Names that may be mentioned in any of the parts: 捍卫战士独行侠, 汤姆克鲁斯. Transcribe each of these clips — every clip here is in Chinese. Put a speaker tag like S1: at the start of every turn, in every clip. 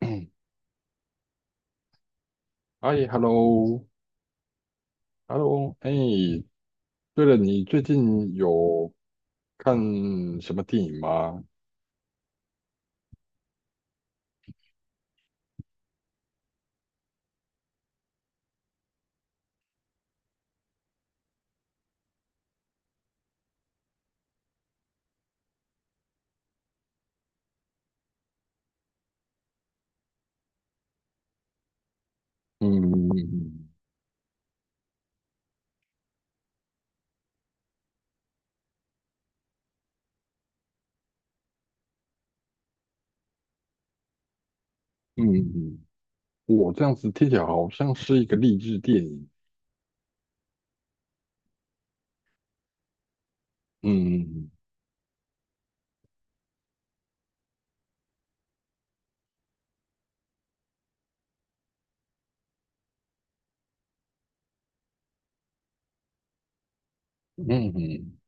S1: 嗯。哎，hello，hello。哎，对了，你最近有看什么电影吗？嗯嗯。嗯，我这样子听起来好像是一个励志电影。嗯嗯嗯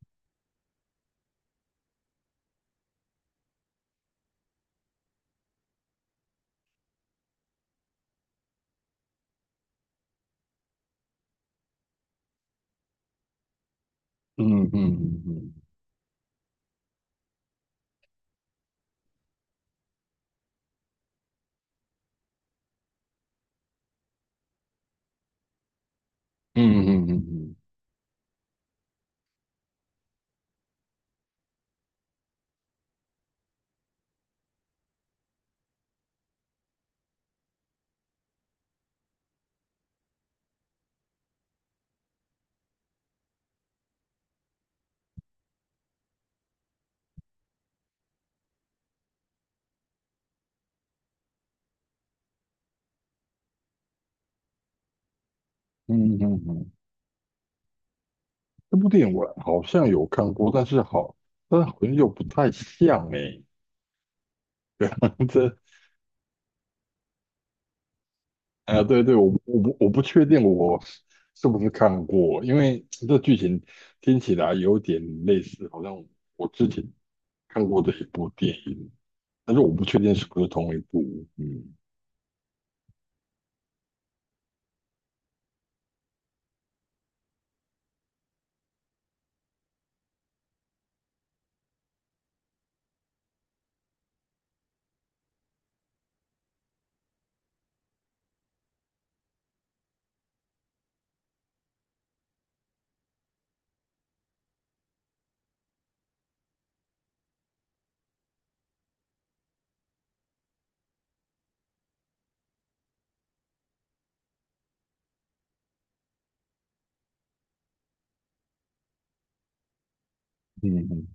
S1: 嗯嗯嗯嗯嗯嗯嗯。这部电影我好像有看过，但好像又不太像哎。这样子。啊，对对，我不确定我是不是看过，因为这剧情听起来有点类似，好像我之前看过的一部电影，但是我不确定是不是同一部。嗯嗯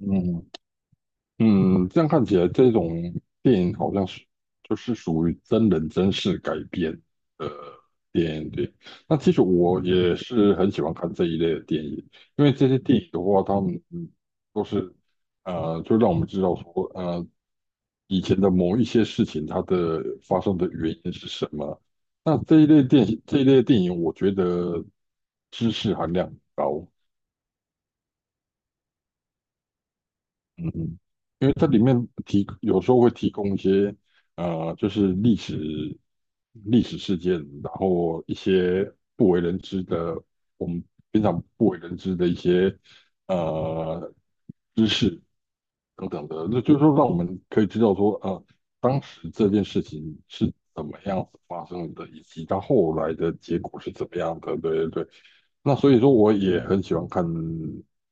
S1: 嗯嗯。嗯，这样看起来，这种电影好像是就是属于真人真事改编的电影。对，那其实我也是很喜欢看这一类的电影，因为这些电影的话，他们都是就让我们知道说，以前的某一些事情它的发生的原因是什么。那这一类电影，这一类电影，我觉得知识含量很高。嗯，因为它里面有时候会提供一些就是历史事件，然后一些不为人知的，我们平常不为人知的一些呃知识等等的，那就是说让我们可以知道说，当时这件事情是怎么样子发生的，以及它后来的结果是怎么样的。对对对，那所以说我也很喜欢看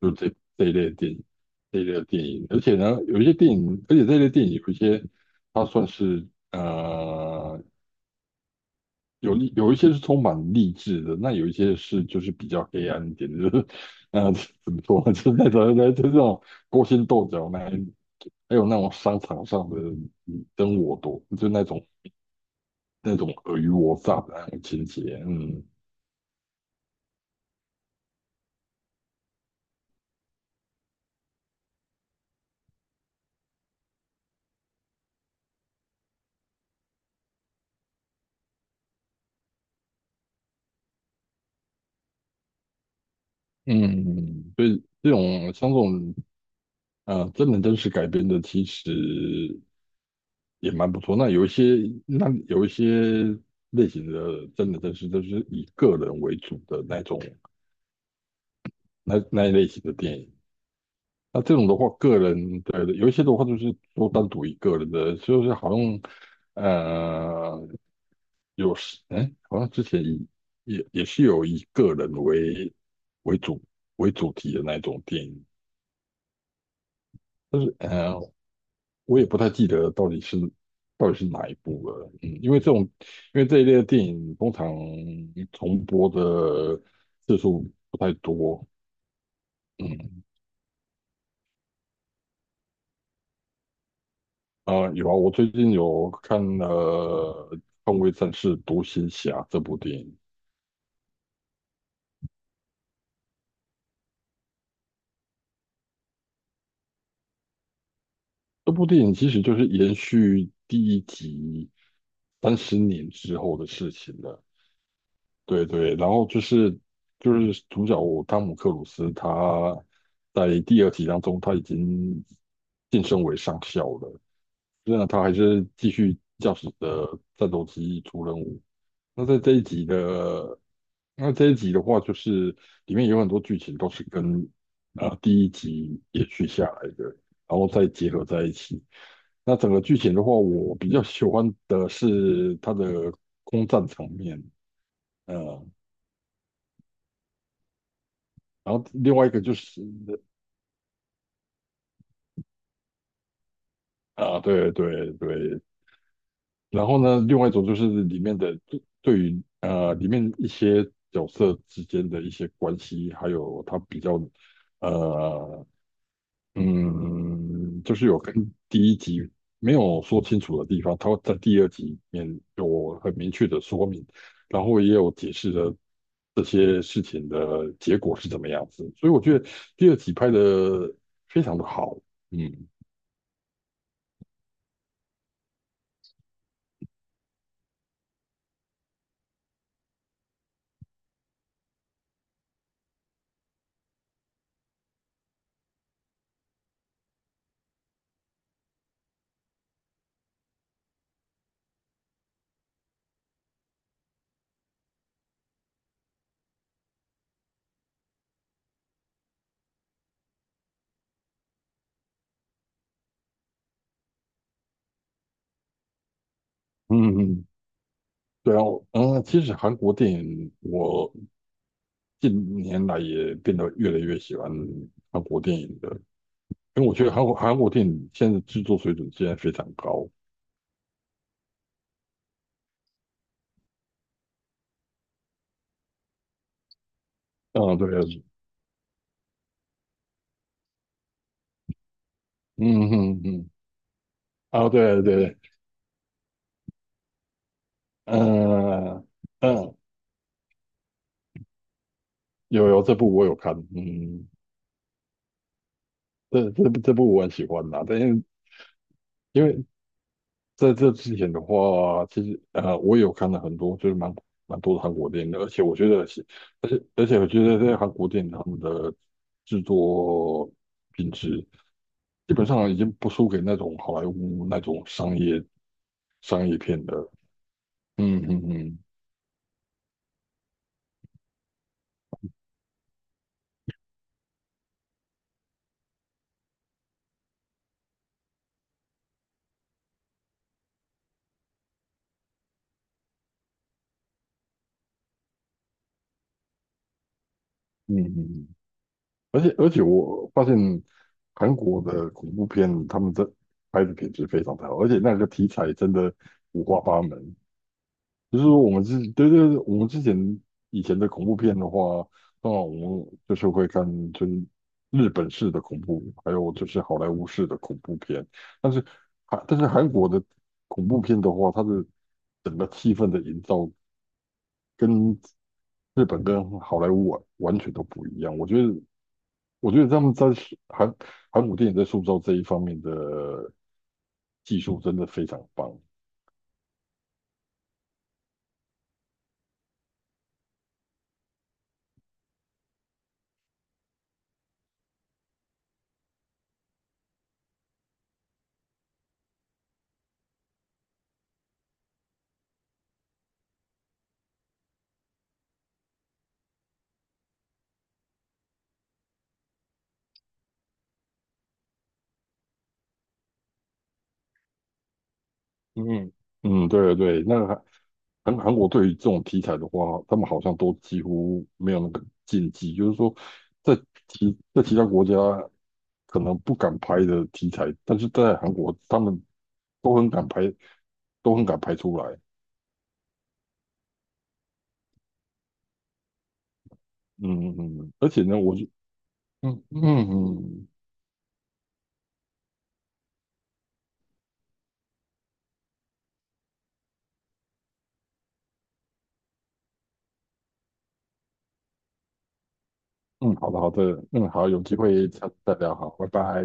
S1: 就这这一类的电影。这一类的电影，而且呢，有一些电影，而且这类电影有一些，它算是呃有一些是充满励志的，那有一些是就是比较黑暗一点的，就是呃怎么说，就是那种就是这种勾心斗角还有那种商场上的你争我夺，就那种尔虞我诈的那种情节。嗯嗯，所以像这种真人真事改编的，其实也蛮不错。那有一些类型的，真是都是以个人为主的那种，那一类型的电影。那这种的话，个人对，有一些的话，就是说单独一个人的，就是好像呃，有时哎，好像之前也是有以个人为主为主题的那种电影，但是我也不太记得到底是哪一部了，嗯，因为这一类的电影通常重播的次数不太多。嗯。啊，有啊，我最近有看了《捍卫战士独行侠》这部电影。这部电影其实就是延续第一集30年之后的事情了。对对，然后就是主角汤姆克鲁斯，他在第二集当中他已经晋升为上校了，虽然他还是继续驾驶着战斗机出任务。那在这一集的话，就是里面有很多剧情都是跟第一集延续下来的，然后再结合在一起。那整个剧情的话，我比较喜欢的是它的空战场面。呃，然后另外一个就是啊，对对对，然后呢，另外一种就是里面的对于里面一些角色之间的一些关系，还有它比较呃就是有跟第一集没有说清楚的地方，它在第二集里面有很明确的说明，然后也有解释了这些事情的结果是怎么样子，所以我觉得第二集拍的非常的好。嗯。嗯嗯嗯。对啊，我其实韩国电影我近年来也变得越来越喜欢韩国电影的，因为我觉得韩国电影现在制作水准现在非常高。嗯，对。嗯嗯嗯。啊，对对对。嗯嗯，有这部我有看。嗯，这部我很喜欢呐，但因为在这之前的话，其实我有看了很多，就是蛮多的韩国电影的，而且我觉得是，而且我觉得在韩国电影他们的制作品质基本上已经不输给那种好莱坞那种商业片的。嗯嗯嗯嗯嗯。而且我发现韩国的恐怖片他们的拍的品质非常的好，而且那个题材真的五花八门，就是说我们之对对对，我们之前以前的恐怖片的话，那我们就是会看就是日本式的恐怖，还有就是好莱坞式的恐怖片。但是但是韩国的恐怖片的话，它的整个气氛的营造跟日本跟好莱坞完全都不一样。我觉得他们在韩韩国电影在塑造这一方面的技术真的非常棒。嗯嗯，对对，对，那个韩国对于这种题材的话，他们好像都几乎没有那个禁忌，就是说在在其他国家可能不敢拍的题材，但是在韩国他们都很敢拍，都很敢拍出来。嗯嗯。而且呢，我就嗯嗯嗯嗯。嗯，好的好的。嗯，好，有机会再聊。好，拜拜。